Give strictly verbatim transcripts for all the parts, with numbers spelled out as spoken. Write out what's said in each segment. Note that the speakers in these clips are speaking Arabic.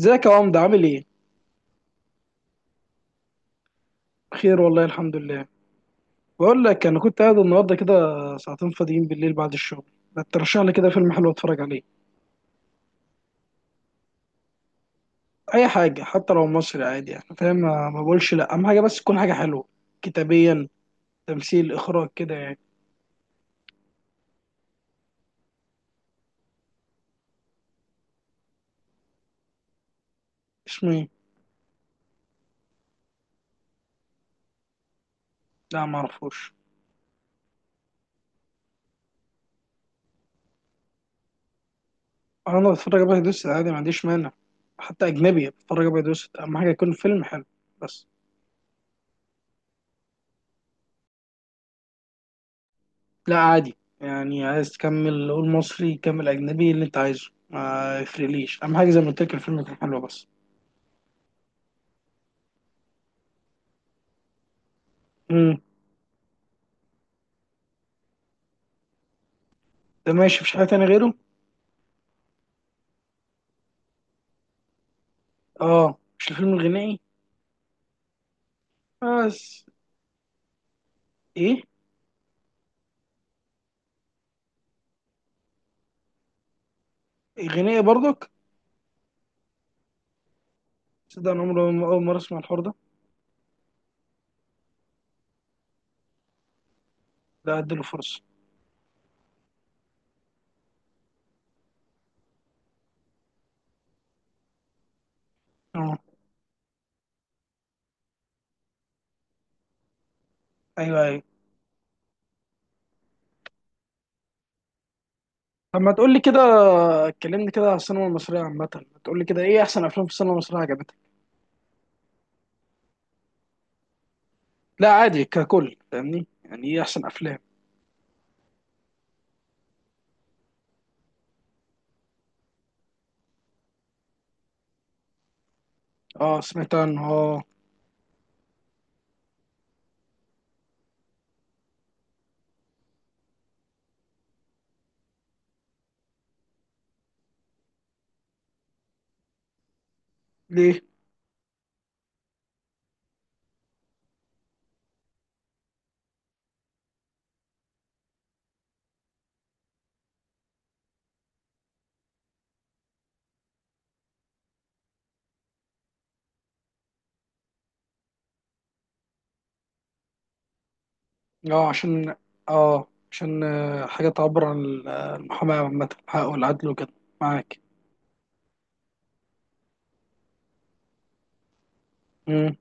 ازيك يا عمدة، عامل ايه؟ بخير والله، الحمد لله. بقول لك انا كنت قاعد النهارده كده ساعتين فاضيين بالليل بعد الشغل، ما ترشح لي كده فيلم حلو اتفرج عليه. اي حاجه، حتى لو مصري عادي يعني، فاهم؟ ما ما بقولش لا، اهم حاجه بس تكون حاجه حلوه، كتابيا، تمثيل، اخراج، كده يعني. اسمه ايه؟ لا، ما اعرفوش. انا بتفرج ابيض واسود عادي، ما عنديش مانع. حتى اجنبي بتفرج ابيض واسود، اهم حاجه يكون فيلم حلو بس. لا عادي يعني، عايز تكمل قول مصري كمل، اجنبي اللي انت عايزه ما يفرقليش، اهم حاجه زي ما قلت لك الفيلم يكون حلو بس. امم ده ماشي، مفيش حاجه تانية غيره؟ اه، مش الفيلم الغنائي؟ بس ايه؟ غنائي برضك؟ تصدق انا عمري ما- اول مره اسمع الحوار ده. ده اديله فرصه. اه، ايوه ايوه. طب ما تقول لي كده، اتكلمني كده على السينما المصريه عامه، ما تقول لي كده ايه احسن افلام في السينما المصريه عجبتك؟ لا عادي ككل، فاهمني، يعني ايه احسن افلام. اه، سمعت عنه، اه. ليه؟ اه عشان اه عشان آه، حاجه تعبر عن ال- آه، المحاماه عامه، حقه والعدل وكده. معاك. امم،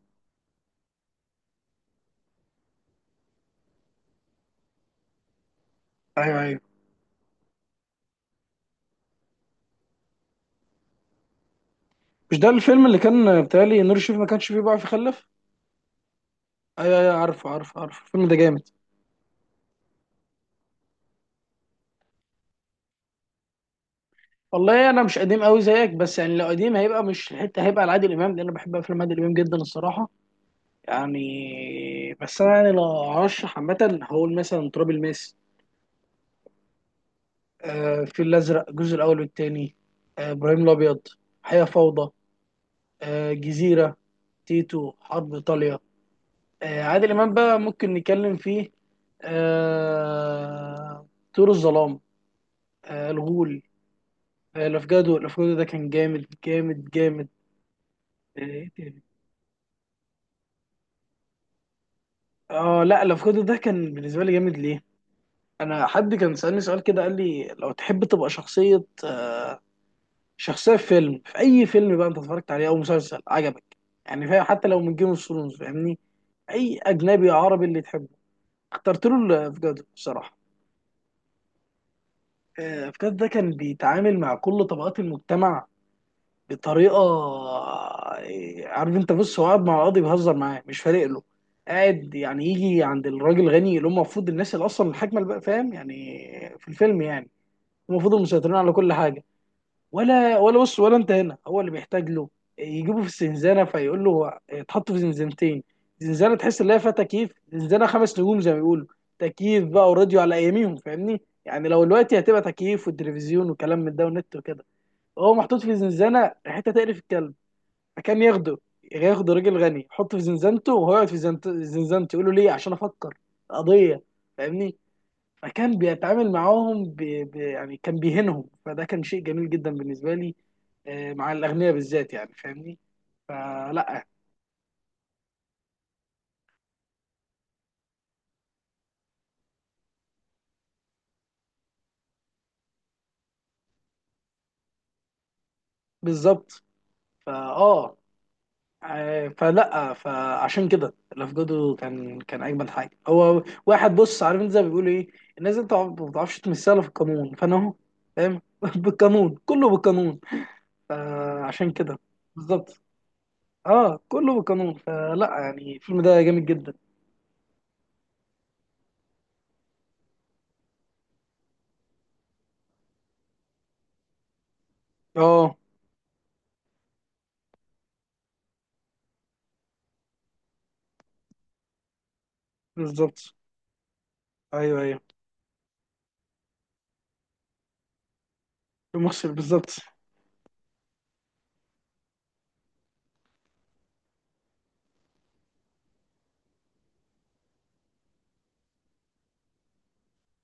ايوه ايوه. مش ده الفيلم اللي كان بتهيألي نور الشريف ما كانش فيه بقى في خلف؟ ايوه ايوه، عارفه عارفه عارفه، الفيلم ده جامد. والله انا مش قديم قوي زيك، بس يعني لو قديم هيبقى مش الحته، هيبقى لعادل امام، لان انا بحب افلام عادل امام جدا الصراحه. يعني بس انا يعني لو هرشح عامه هقول مثلا تراب الماس، آه الفيل الازرق الجزء الاول والثاني، آه ابراهيم الابيض، حياه فوضى، آه جزيره، تيتو، حرب ايطاليا، آه عادل امام بقى ممكن نتكلم فيه، آه طيور الظلام، آه الغول، آه لافجادو لافجادو ده كان جامد جامد جامد. اه، إيه تاني؟ آه، لا، لافجادو ده كان بالنسبه لي جامد. ليه؟ انا حد كان سألني سؤال كده، قال لي لو تحب تبقى شخصيه، آه شخصيه في فيلم في اي فيلم بقى انت اتفرجت عليه او مسلسل عجبك، يعني فاهم، حتى لو من جيم اوف ثرونز، فاهمني؟ اي اجنبي، عربي، اللي تحبه. اخترت له لافجادو بصراحه. آه، لافجادو ده كان بيتعامل مع كل طبقات المجتمع بطريقه، عارف انت، بص، هو قاعد مع القاضي بيهزر معاه، مش فارق له. قاعد يعني يجي عند الراجل غني اللي هم المفروض الناس اللي اصلا الحاكمه اللي بقى، فاهم يعني في الفيلم يعني، هم المفروض المسيطرين على كل حاجه. ولا ولا، بص، ولا انت هنا هو اللي بيحتاج له. يجيبه في الزنزانه، فيقول له هو- يتحط في زنزانتين، زنزانه تحس ان هي فيها تكييف، زنزانه خمس نجوم زي ما بيقولوا، تكييف بقى وراديو على اياميهم، فاهمني يعني لو دلوقتي هتبقى تكييف والتلفزيون وكلام من ده والنت وكده. هو محطوط في زنزانه حته تقرف الكلب، كان ياخده، ياخده راجل غني يحطه في زنزانته وهو يقعد في زنت- زنزانته، يقول له ليه؟ عشان افكر قضيه، فاهمني؟ فكان بيتعامل معاهم ب... ب... يعني كان بيهينهم، فده كان شيء جميل جدا بالنسبه لي، آه، مع الاغنياء بالذات يعني، فاهمني؟ فلا. بالظبط. فا اه آه، فلا، فعشان كده الافجادو كان كان اجمل حاجه. هو واحد، بص، عارف انت زي ما بيقولوا ايه، الناس انت ما بتعرفش تمثلها في القانون، فانا اهو، فاهم بالقانون، كله بالقانون. آه، عشان كده. بالظبط. اه، كله بالقانون، فلا يعني الفيلم ده جامد جدا. اه، بالظبط. ايوه ايوه، مصر. بالظبط.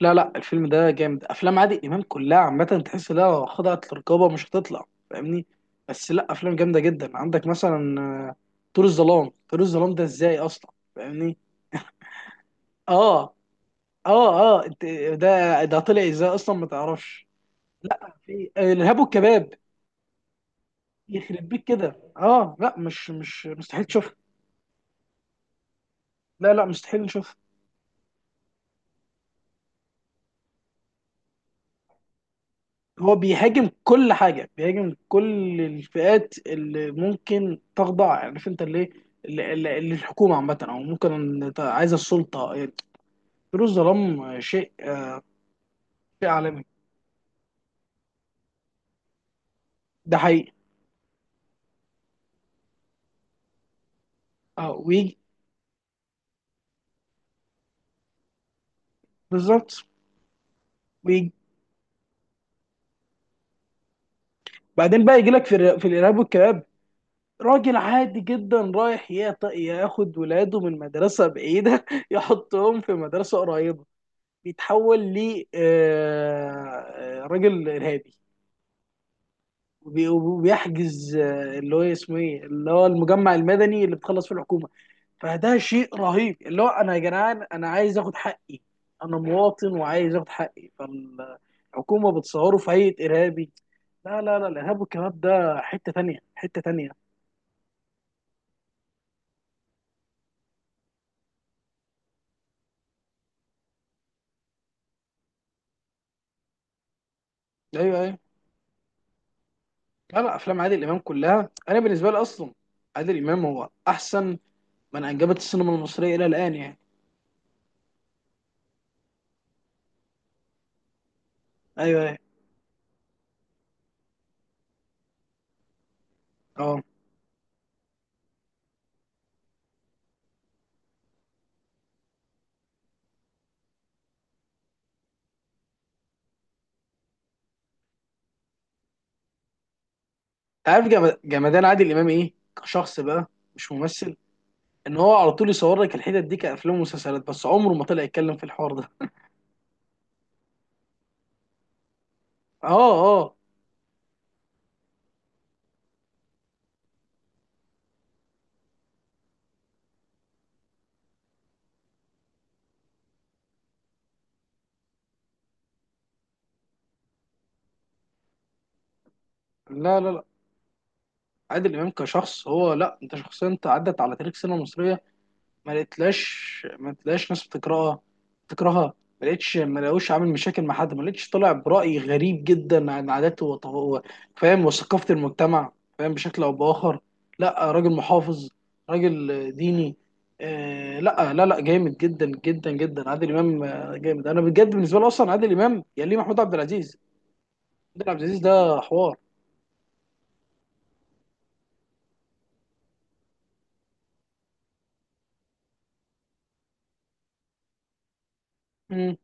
لا لا، الفيلم ده جامد، افلام عادل امام كلها عامه تحس لا خضعت للرقابه مش هتطلع، فاهمني؟ بس لا، افلام جامده جدا، عندك مثلا، آه، طيور الظلام. طيور الظلام ده ازاي اصلا، فاهمني؟ اه اه، اه انت. ده ده طلع ازاي اصلا، ما تعرفش. لا، في آه، الارهاب والكباب. يخرب بيك كده، اه، لا، مش مش مستحيل تشوفها. لا لا، مستحيل نشوف. هو بيهاجم كل حاجة، بيهاجم كل الفئات اللي ممكن تخضع، عارف انت اللي اللي- اللي- اللي الحكومة عامة او ممكن ت- عايزة السلطة. فيروز الظلام شيء، آه، شيء عالمي. ده حقيقي. اه، ويجي. بالظبط. ويجي. بعدين بقى يجي لك في الر- في الارهاب والكباب، راجل عادي جدا رايح يط- ياخد ولاده من مدرسة بعيدة يحطهم في مدرسة قريبة، بيتحول ل آه، آه، راجل إرهابي، وبي- وبيحجز آه، اللي هو اسمه ايه اللي هو المجمع المدني اللي بتخلص فيه الحكومه. فده شيء رهيب، اللي هو انا يا جدعان انا عايز اخد حقي، انا مواطن وعايز اخد حقي، فالحكومه بتصوره في هيئه ارهابي. لا لا لا، الارهاب والكباب ده حته تانية، حته تانية. ايوه ايوه. لا لا، افلام عادل امام كلها انا بالنسبه لي اصلا، عادل امام هو احسن من انجبت السينما المصريه الى الان يعني. ايوه ايوه. اه، انت عارف جم- جمدان عادل امام ايه كشخص بقى، مش ممثل؟ ان هو على طول يصور لك الحتت دي كافلام ومسلسلات، بس عمره ما طلع يتكلم في الحوار ده. اه اه. لا لا لا، عادل امام كشخص هو، لا، انت شخصيه، انت عدت على تاريخ السينما المصريه، ما لقيتلاش ما لقيتلاش ناس بتكرهها، بتكرهها، ما لقيتش، ما لقوش عامل مشاكل مع حد، ما لقيتش طلع برأي غريب جدا عن عاداته وط- و- فاهم، وثقافة المجتمع، فاهم، بشكل او بآخر. لا، راجل محافظ، راجل ديني. آه لا لا لا، جامد جدا جدا جدا، عادل امام آه، جامد، انا بجد بالنسبه لي اصلا عادل امام يليه محمود عبد العزيز. محمود عبد العزيز ده حوار. مم.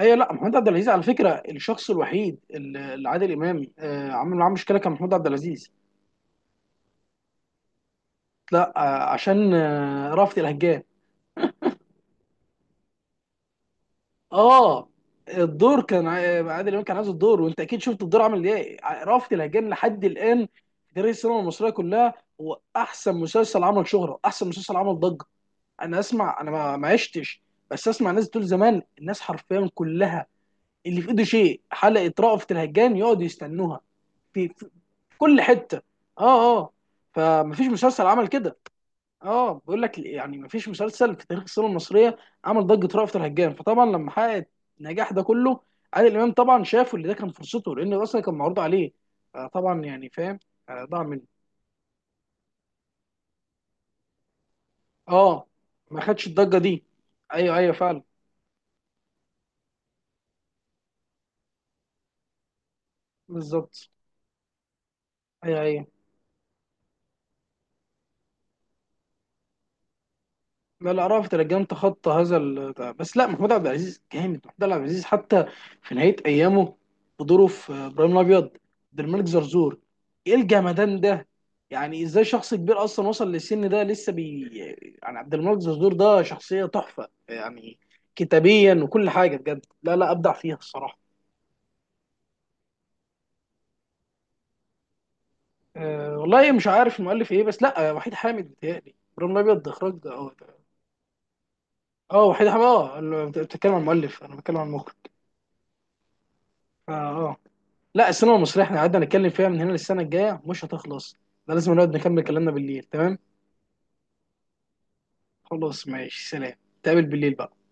ايوه، لا، محمود عبد العزيز على فكره الشخص الوحيد اللي اللي عادل امام آه عمل معاه مشكله، كان محمود عبد العزيز. لا، آه، عشان آه، رأفت الهجان. اه، الدور كان عا- عادل امام كان عايز الدور، وانت اكيد شفت الدور عامل ايه ع- رأفت الهجان لحد الان في تاريخ السينما المصريه كلها، هو احسن مسلسل عمل شهره، احسن مسلسل عمل ضجه. انا اسمع، انا ما ما عشتش، بس اسمع ناس بتقول زمان الناس حرفيا كلها اللي في ايده شيء حلقه رأفت الهجان يقعدوا يستنوها، في, في في كل حته. اه اه. فمفيش مسلسل عمل كده. اه، بقول لك يعني، ما فيش مسلسل في تاريخ السينما المصريه عمل ضجه رأفت الهجان. فطبعا لما حقق النجاح ده كله، عادل امام طبعا شافه، اللي ده كان فرصته، لان اصلا كان معروض عليه، آه، طبعا يعني فاهم، آه، ضاع منه. اه، ما خدش الضجه دي. ايوه ايوه، فعلا. بالظبط. ايوه ايوه. لا لا، رأفت الهجان تخطى هذا ال... بس لا، محمود عبد العزيز جامد، محمود عبد العزيز حتى في نهاية أيامه بدوره في إبراهيم الأبيض، عبد الملك زرزور، إيه الجمدان ده؟ يعني إزاي شخص كبير أصلا وصل للسن ده لسه بي؟ يعني عبد الملك زرزور ده شخصية تحفة يعني، كتابيا وكل حاجة، بجد لا لا، أبدع فيها الصراحة. أه والله مش عارف المؤلف إيه، بس لا، وحيد حامد بيتهيألي إبراهيم الأبيض ده إخراج، أه، أه، وحيد حامد. أه، بتتكلم عن المؤلف، أنا بتكلم عن المخرج. آه، آه. لا، السينما المصريه احنا قعدنا نتكلم فيها من هنا للسنه الجايه مش هتخلص، ده لازم نقعد نكمل كلامنا بالليل، تمام؟ خلاص، ماشي، سلام. تقابل بالليل بقى.